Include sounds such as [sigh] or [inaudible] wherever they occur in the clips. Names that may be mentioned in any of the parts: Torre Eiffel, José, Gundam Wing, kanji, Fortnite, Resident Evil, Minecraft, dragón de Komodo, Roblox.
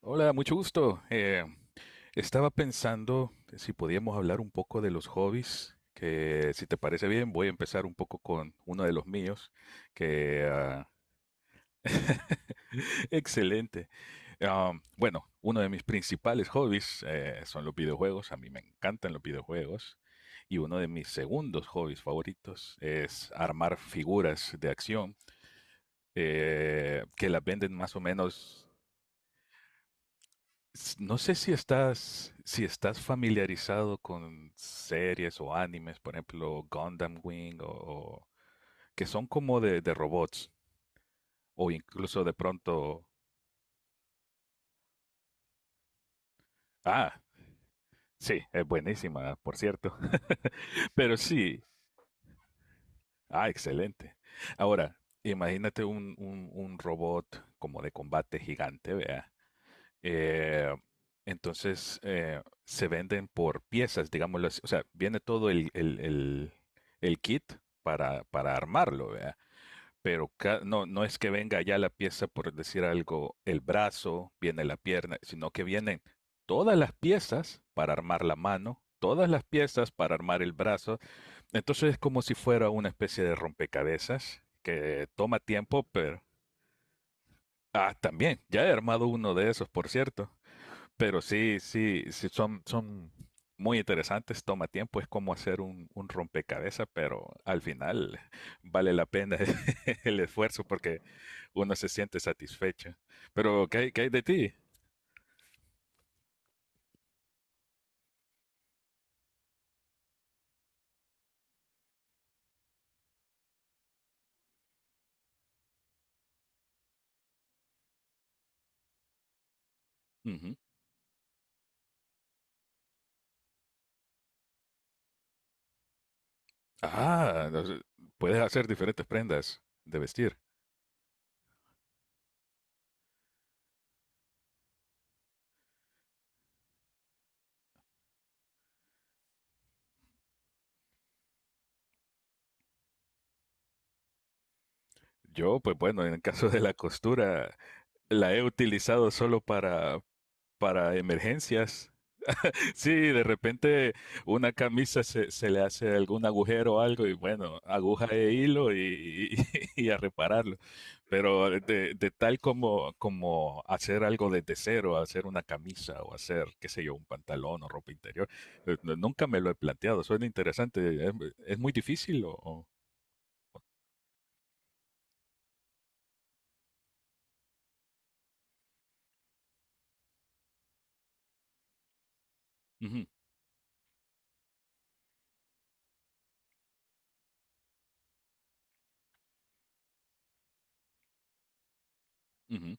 Hola, mucho gusto. Estaba pensando si podíamos hablar un poco de los hobbies, que si te parece bien, voy a empezar un poco con uno de los míos, que [laughs] excelente. Bueno, uno de mis principales hobbies son los videojuegos, a mí me encantan los videojuegos, y uno de mis segundos hobbies favoritos es armar figuras de acción que las venden más o menos. No sé si estás, si estás familiarizado con series o animes, por ejemplo, Gundam Wing, que son como de robots, o incluso de pronto. Ah, sí, es buenísima, por cierto. [laughs] Pero sí, ah, excelente. Ahora, imagínate un robot como de combate gigante, vea. Eh, entonces se venden por piezas, digámoslo así. O sea, viene todo el kit para armarlo, ¿verdad? Pero no, no es que venga ya la pieza, por decir algo, el brazo, viene la pierna, sino que vienen todas las piezas para armar la mano, todas las piezas para armar el brazo. Entonces es como si fuera una especie de rompecabezas que toma tiempo, pero... Ah, también, ya he armado uno de esos, por cierto. Pero sí, sí, sí, son muy interesantes, toma tiempo, es como hacer un rompecabezas, pero al final [laughs] vale la pena [laughs] el esfuerzo porque uno se siente satisfecho. Pero, ¿qué, qué hay de ti? Ujú. Ah, no sé, puedes hacer diferentes prendas de vestir. Yo, pues bueno, en el caso de la costura, la he utilizado solo para emergencias. [laughs] Sí, de repente una camisa se le hace algún agujero o algo y bueno, aguja e hilo y, [laughs] y a repararlo. Pero de tal como, como hacer algo desde cero, hacer una camisa o hacer, qué sé yo, un pantalón o ropa interior, nunca me lo he planteado. Suena interesante. Es muy difícil o...? O- Ujú, ujú.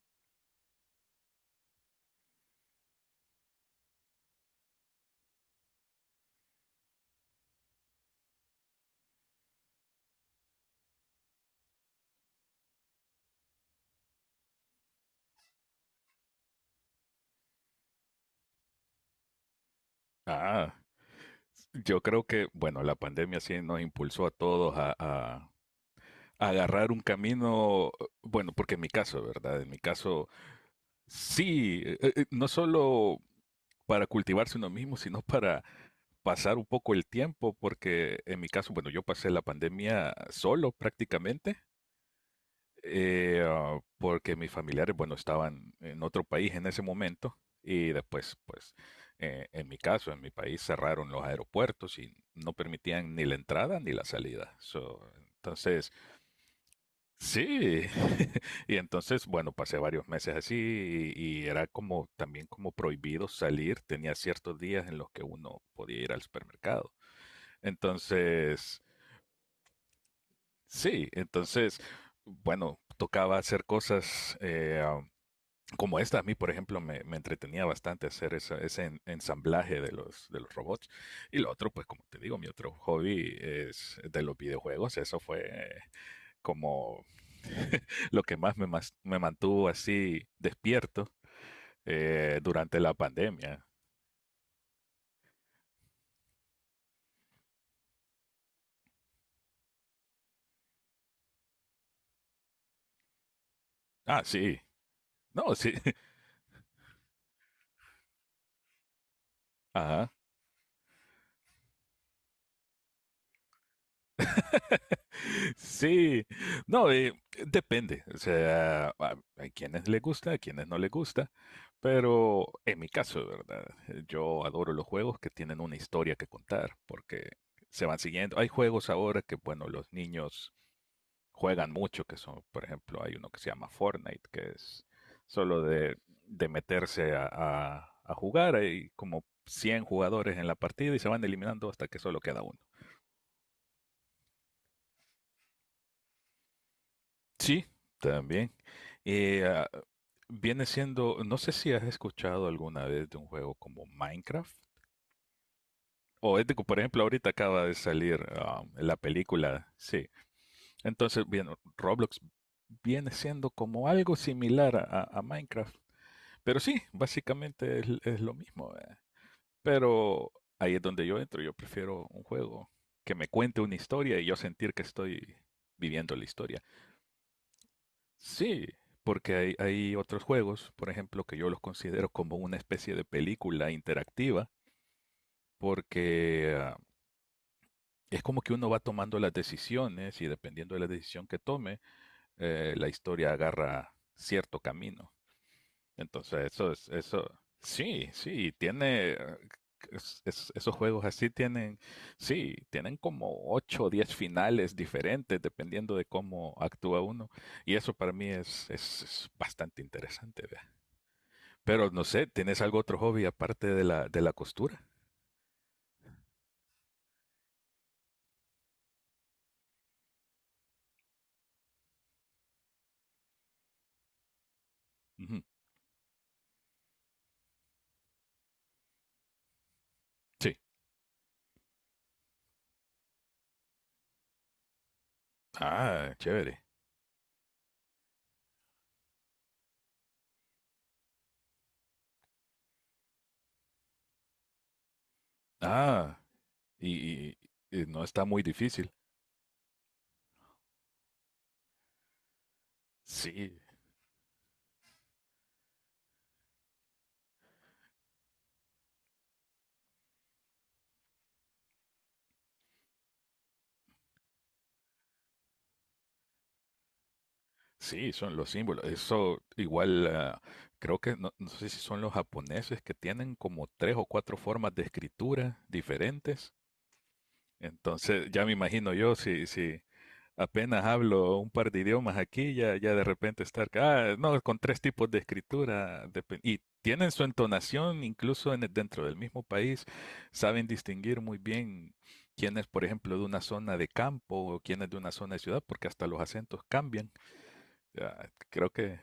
Ah, yo creo que, bueno, la pandemia sí nos impulsó a todos a, agarrar un camino, bueno, porque en mi caso, ¿verdad? En mi caso, sí, no solo para cultivarse uno mismo, sino para pasar un poco el tiempo, porque en mi caso, bueno, yo pasé la pandemia solo prácticamente, porque mis familiares, bueno, estaban en otro país en ese momento y después, pues, en mi caso, en mi país cerraron los aeropuertos y no permitían ni la entrada ni la salida. So, entonces, sí, [laughs] y entonces, bueno, pasé varios meses así y era como también como prohibido salir, tenía ciertos días en los que uno podía ir al supermercado. Entonces, sí, entonces, bueno, tocaba hacer cosas como esta. A mí, por ejemplo, me entretenía bastante hacer ensamblaje de los robots. Y lo otro, pues como te digo, mi otro hobby es de los videojuegos. Eso fue como [laughs] lo que más me, me mantuvo así despierto durante la pandemia. Ah, sí. No, sí. [laughs] Ajá. Sí. No, depende. O sea, hay quienes les gusta, a quienes no les gusta. Pero en mi caso, ¿verdad? Yo adoro los juegos que tienen una historia que contar, porque se van siguiendo. Hay juegos ahora que, bueno, los niños juegan mucho, que son, por ejemplo, hay uno que se llama Fortnite, que es solo de meterse a, a jugar, hay como 100 jugadores en la partida y se van eliminando hasta que solo queda uno. Sí, también. Y, ah, viene siendo, no sé si has escuchado alguna vez de un juego como Minecraft. O es de que, por ejemplo, ahorita acaba de salir ah, la película, sí. Entonces, bien, Roblox viene siendo como algo similar a Minecraft. Pero sí, básicamente es lo mismo, ¿verdad? Pero ahí es donde yo entro. Yo prefiero un juego que me cuente una historia y yo sentir que estoy viviendo la historia. Sí, porque hay otros juegos, por ejemplo, que yo los considero como una especie de película interactiva, porque ah, es como que uno va tomando las decisiones y dependiendo de la decisión que tome, la historia agarra cierto camino. Entonces, eso es, eso, sí, sí, tiene, esos juegos así tienen, sí, tienen como 8 o 10 finales diferentes dependiendo de cómo actúa uno. Y eso para mí es bastante interesante, vea. Pero no sé, ¿tienes algo otro hobby aparte de la costura? Ujú, sí. Ah, chévere. Ah, y, y no está muy difícil. Sí, sí, son los símbolos. Eso igual, ah, creo que no, no sé si son los japoneses que tienen como tres o cuatro formas de escritura diferentes. Entonces, ya me imagino yo, si, si apenas hablo un par de idiomas aquí, ya, ya de repente estar, ah, no, con tres tipos de escritura. Depe- Y tienen su entonación, incluso en, dentro del mismo país, saben distinguir muy bien quién es, por ejemplo, de una zona de campo o quién es de una zona de ciudad, porque hasta los acentos cambian. Ya, creo que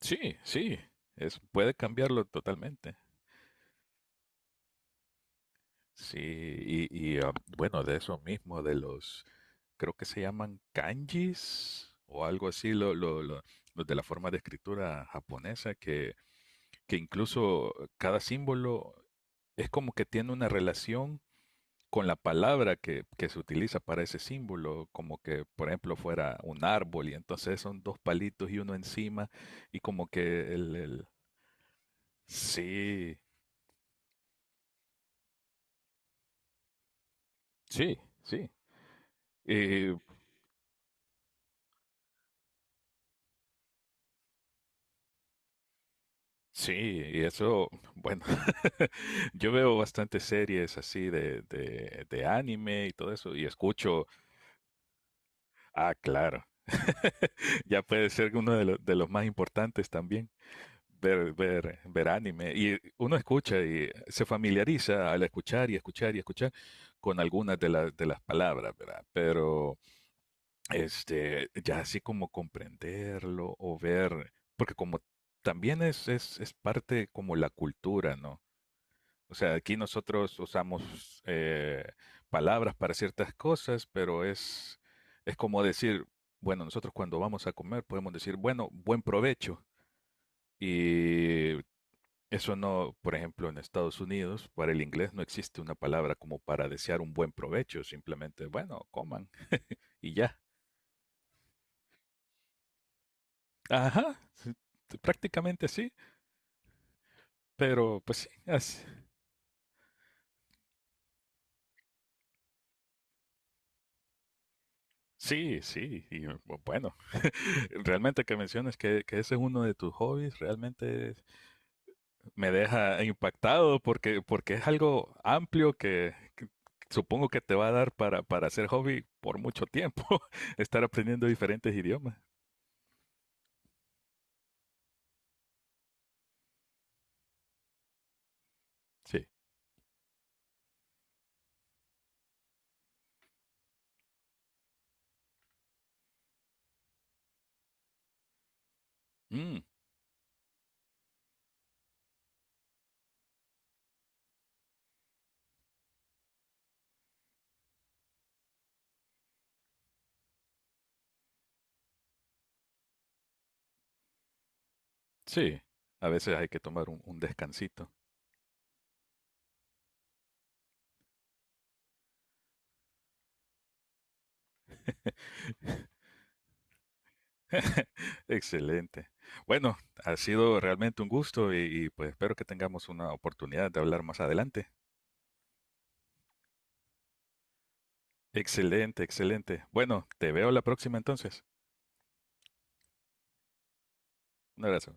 sí, sí, es, puede cambiarlo totalmente. Sí, y, ah, bueno, de eso mismo, de los, creo que se llaman kanjis o algo así, los de la forma de escritura japonesa, que incluso cada símbolo es como que tiene una relación con la palabra que se utiliza para ese símbolo, como que, por ejemplo, fuera un árbol y entonces son dos palitos y uno encima y como que el- Sí, sí, sí. Eh, sí, y eso, bueno, [laughs] yo veo bastantes series así de, de anime y todo eso, y escucho, ah, claro, [laughs] ya puede ser uno de, de los más importantes también, ver, ver anime. Y uno escucha y se familiariza al escuchar y escuchar y escuchar con algunas de las palabras, ¿verdad? Pero, este, ya así como comprenderlo o ver, porque como también es parte como la cultura, ¿no? O sea, aquí nosotros usamos palabras para ciertas cosas, pero es como decir, bueno, nosotros cuando vamos a comer podemos decir, bueno, buen provecho. Y eso no, por ejemplo, en Estados Unidos, para el inglés no existe una palabra como para desear un buen provecho, simplemente, bueno, coman y ya. Ajá, sí, prácticamente sí, pero pues sí, así, sí, sí, y bueno, [laughs] realmente que menciones que ese es uno de tus hobbies, realmente me deja impactado porque, porque es algo amplio que supongo que te va a dar para hacer hobby por mucho tiempo, [laughs] estar aprendiendo diferentes idiomas. Sí. Mm, sí, a veces hay que tomar un descansito. [laughs] Excelente. Bueno, ha sido realmente un gusto y, pues espero que tengamos una oportunidad de hablar más adelante. Excelente, excelente. Bueno, te veo la próxima entonces. Un abrazo.